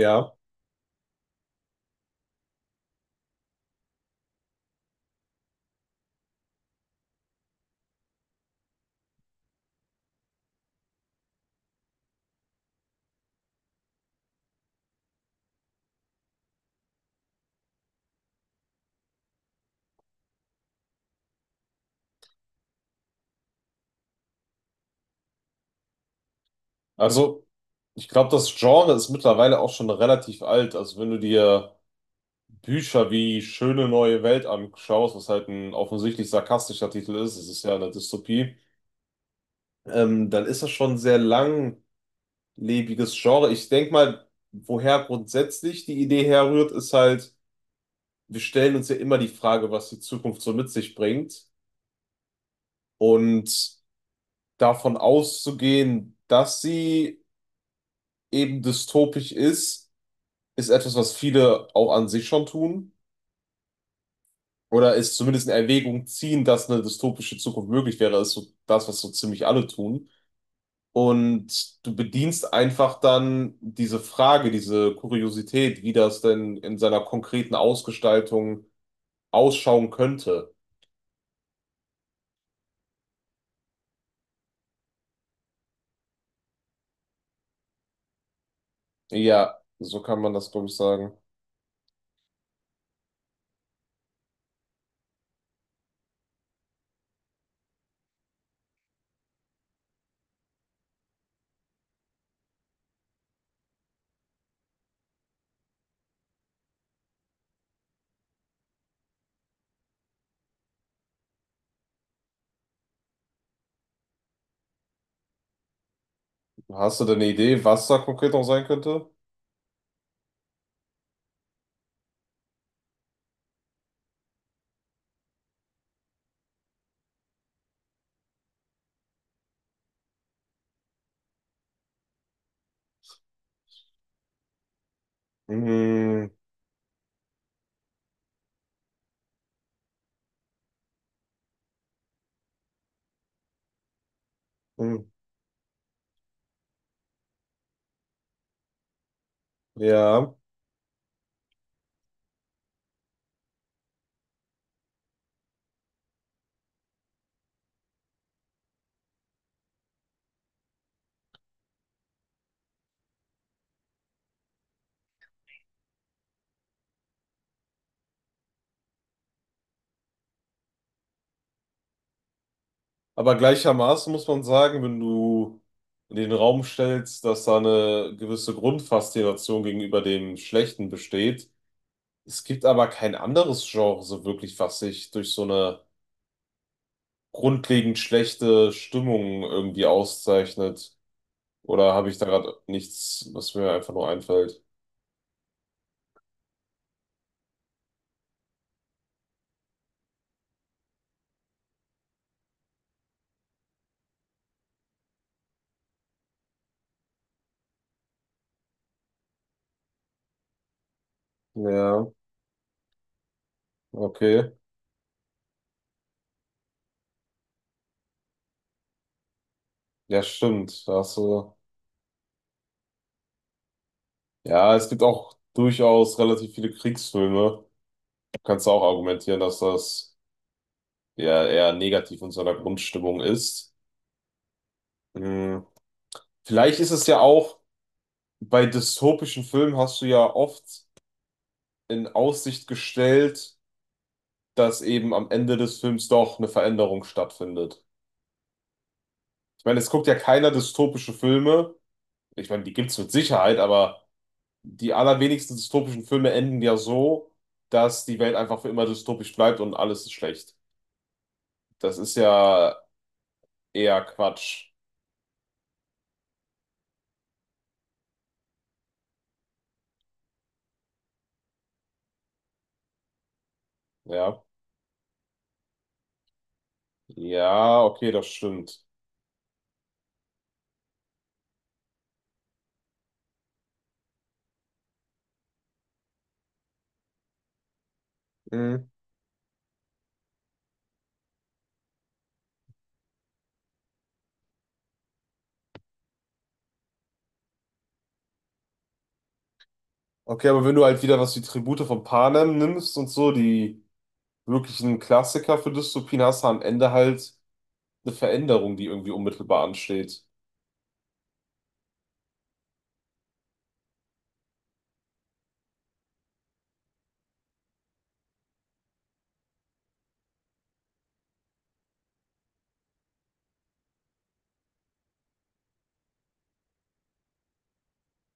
Ja, also ich glaube, das Genre ist mittlerweile auch schon relativ alt. Also wenn du dir Bücher wie Schöne neue Welt anschaust, was halt ein offensichtlich sarkastischer Titel ist, es ist ja eine Dystopie, dann ist das schon ein sehr langlebiges Genre. Ich denke mal, woher grundsätzlich die Idee herrührt, ist halt, wir stellen uns ja immer die Frage, was die Zukunft so mit sich bringt. Und davon auszugehen, dass sie eben dystopisch ist, ist etwas, was viele auch an sich schon tun. Oder ist zumindest in Erwägung ziehen, dass eine dystopische Zukunft möglich wäre, ist so das, was so ziemlich alle tun. Und du bedienst einfach dann diese Frage, diese Kuriosität, wie das denn in seiner konkreten Ausgestaltung ausschauen könnte. Ja, so kann man das, glaube ich, sagen. Hast du denn eine Idee, was da konkret noch sein könnte? Hm, hm, ja. Aber gleichermaßen muss man sagen, wenn du in den Raum stellst, dass da eine gewisse Grundfaszination gegenüber dem Schlechten besteht. Es gibt aber kein anderes Genre so wirklich, was sich durch so eine grundlegend schlechte Stimmung irgendwie auszeichnet. Oder habe ich da gerade nichts, was mir einfach nur einfällt? Ja, okay. Ja, stimmt. Da hast du... Ja, es gibt auch durchaus relativ viele Kriegsfilme. Kannst du auch argumentieren, dass das der eher negativ in so einer Grundstimmung ist. Hm. Vielleicht ist es ja auch, bei dystopischen Filmen hast du ja oft in Aussicht gestellt, dass eben am Ende des Films doch eine Veränderung stattfindet. Ich meine, es guckt ja keiner dystopische Filme. Ich meine, die gibt es mit Sicherheit, aber die allerwenigsten dystopischen Filme enden ja so, dass die Welt einfach für immer dystopisch bleibt und alles ist schlecht. Das ist ja eher Quatsch. Ja. Ja, okay, das stimmt. Mm. Okay, aber wenn du halt wieder was wie Tribute von Panem nimmst und so, die wirklichen Klassiker für Dystopien, hast du am Ende halt eine Veränderung, die irgendwie unmittelbar ansteht.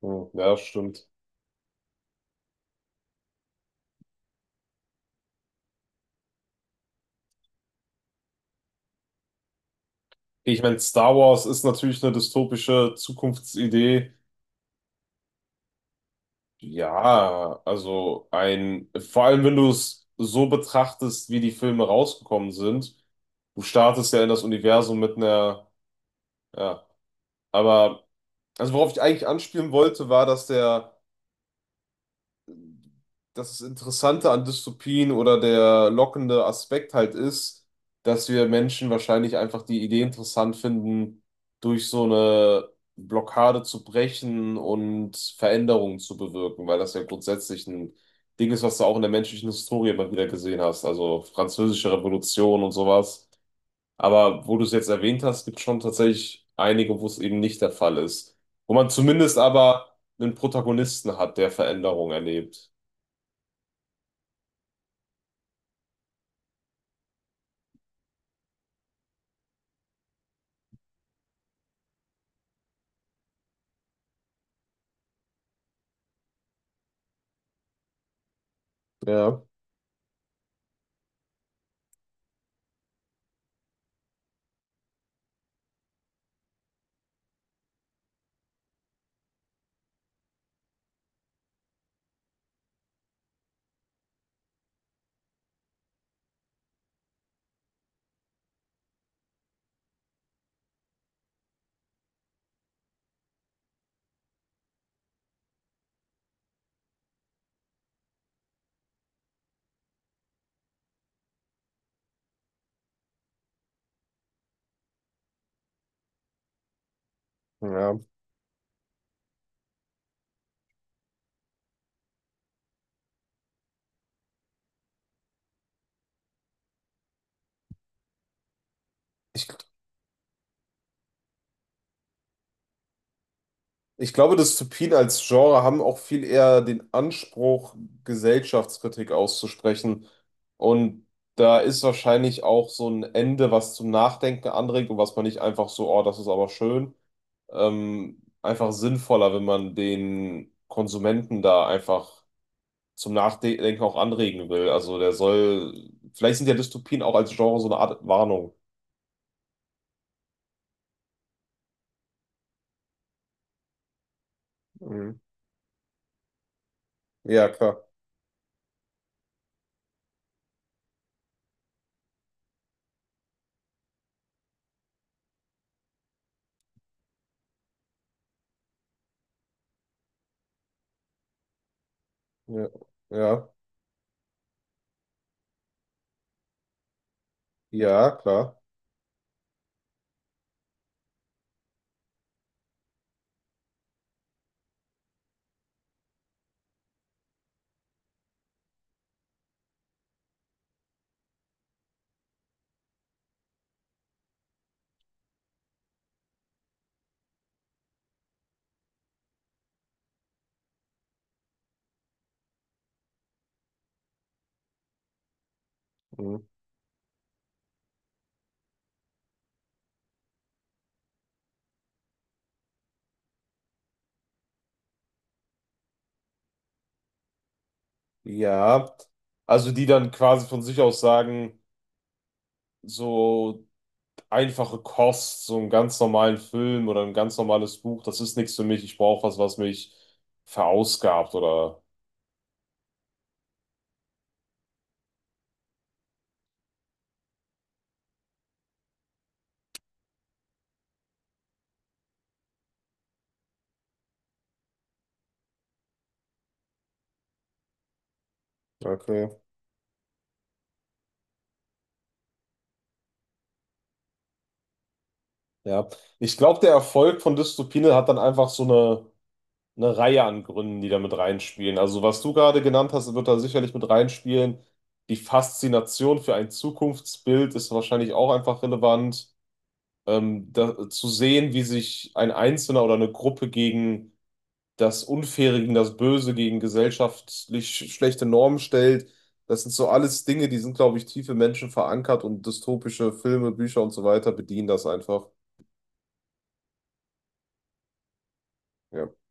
Hm, ja, stimmt. Ich meine, Star Wars ist natürlich eine dystopische Zukunftsidee. Ja, also ein, vor allem wenn du es so betrachtest, wie die Filme rausgekommen sind, du startest ja in das Universum mit einer, ja, aber, also worauf ich eigentlich anspielen wollte, war, dass der das Interessante an Dystopien oder der lockende Aspekt halt ist, dass wir Menschen wahrscheinlich einfach die Idee interessant finden, durch so eine Blockade zu brechen und Veränderungen zu bewirken, weil das ja grundsätzlich ein Ding ist, was du auch in der menschlichen Historie immer wieder gesehen hast, also Französische Revolution und sowas. Aber wo du es jetzt erwähnt hast, gibt es schon tatsächlich einige, wo es eben nicht der Fall ist. Wo man zumindest aber einen Protagonisten hat, der Veränderungen erlebt. Ja. Ja. Ich, ich glaube, Dystopien als Genre haben auch viel eher den Anspruch, Gesellschaftskritik auszusprechen. Und da ist wahrscheinlich auch so ein Ende, was zum Nachdenken anregt und was man nicht einfach so, oh, das ist aber schön, einfach sinnvoller, wenn man den Konsumenten da einfach zum Nachdenken auch anregen will. Also der soll, vielleicht sind ja Dystopien auch als Genre so eine Art Warnung. Mhm. Ja, klar. Ja, ja, ja, klar. Mhm. Ja, also die dann quasi von sich aus sagen, so einfache Kost, so einen ganz normalen Film oder ein ganz normales Buch, das ist nichts für mich. Ich brauche was, was mich verausgabt oder. Okay, ja. Ich glaube, der Erfolg von Dystopine hat dann einfach so eine Reihe an Gründen, die da mit reinspielen. Also, was du gerade genannt hast, wird da sicherlich mit reinspielen. Die Faszination für ein Zukunftsbild ist wahrscheinlich auch einfach relevant. Da, zu sehen, wie sich ein Einzelner oder eine Gruppe gegen das Unfaire, gegen das Böse, gegen gesellschaftlich schlechte Normen stellt. Das sind so alles Dinge, die sind, glaube ich, tief im Menschen verankert und dystopische Filme, Bücher und so weiter bedienen das einfach. Ja.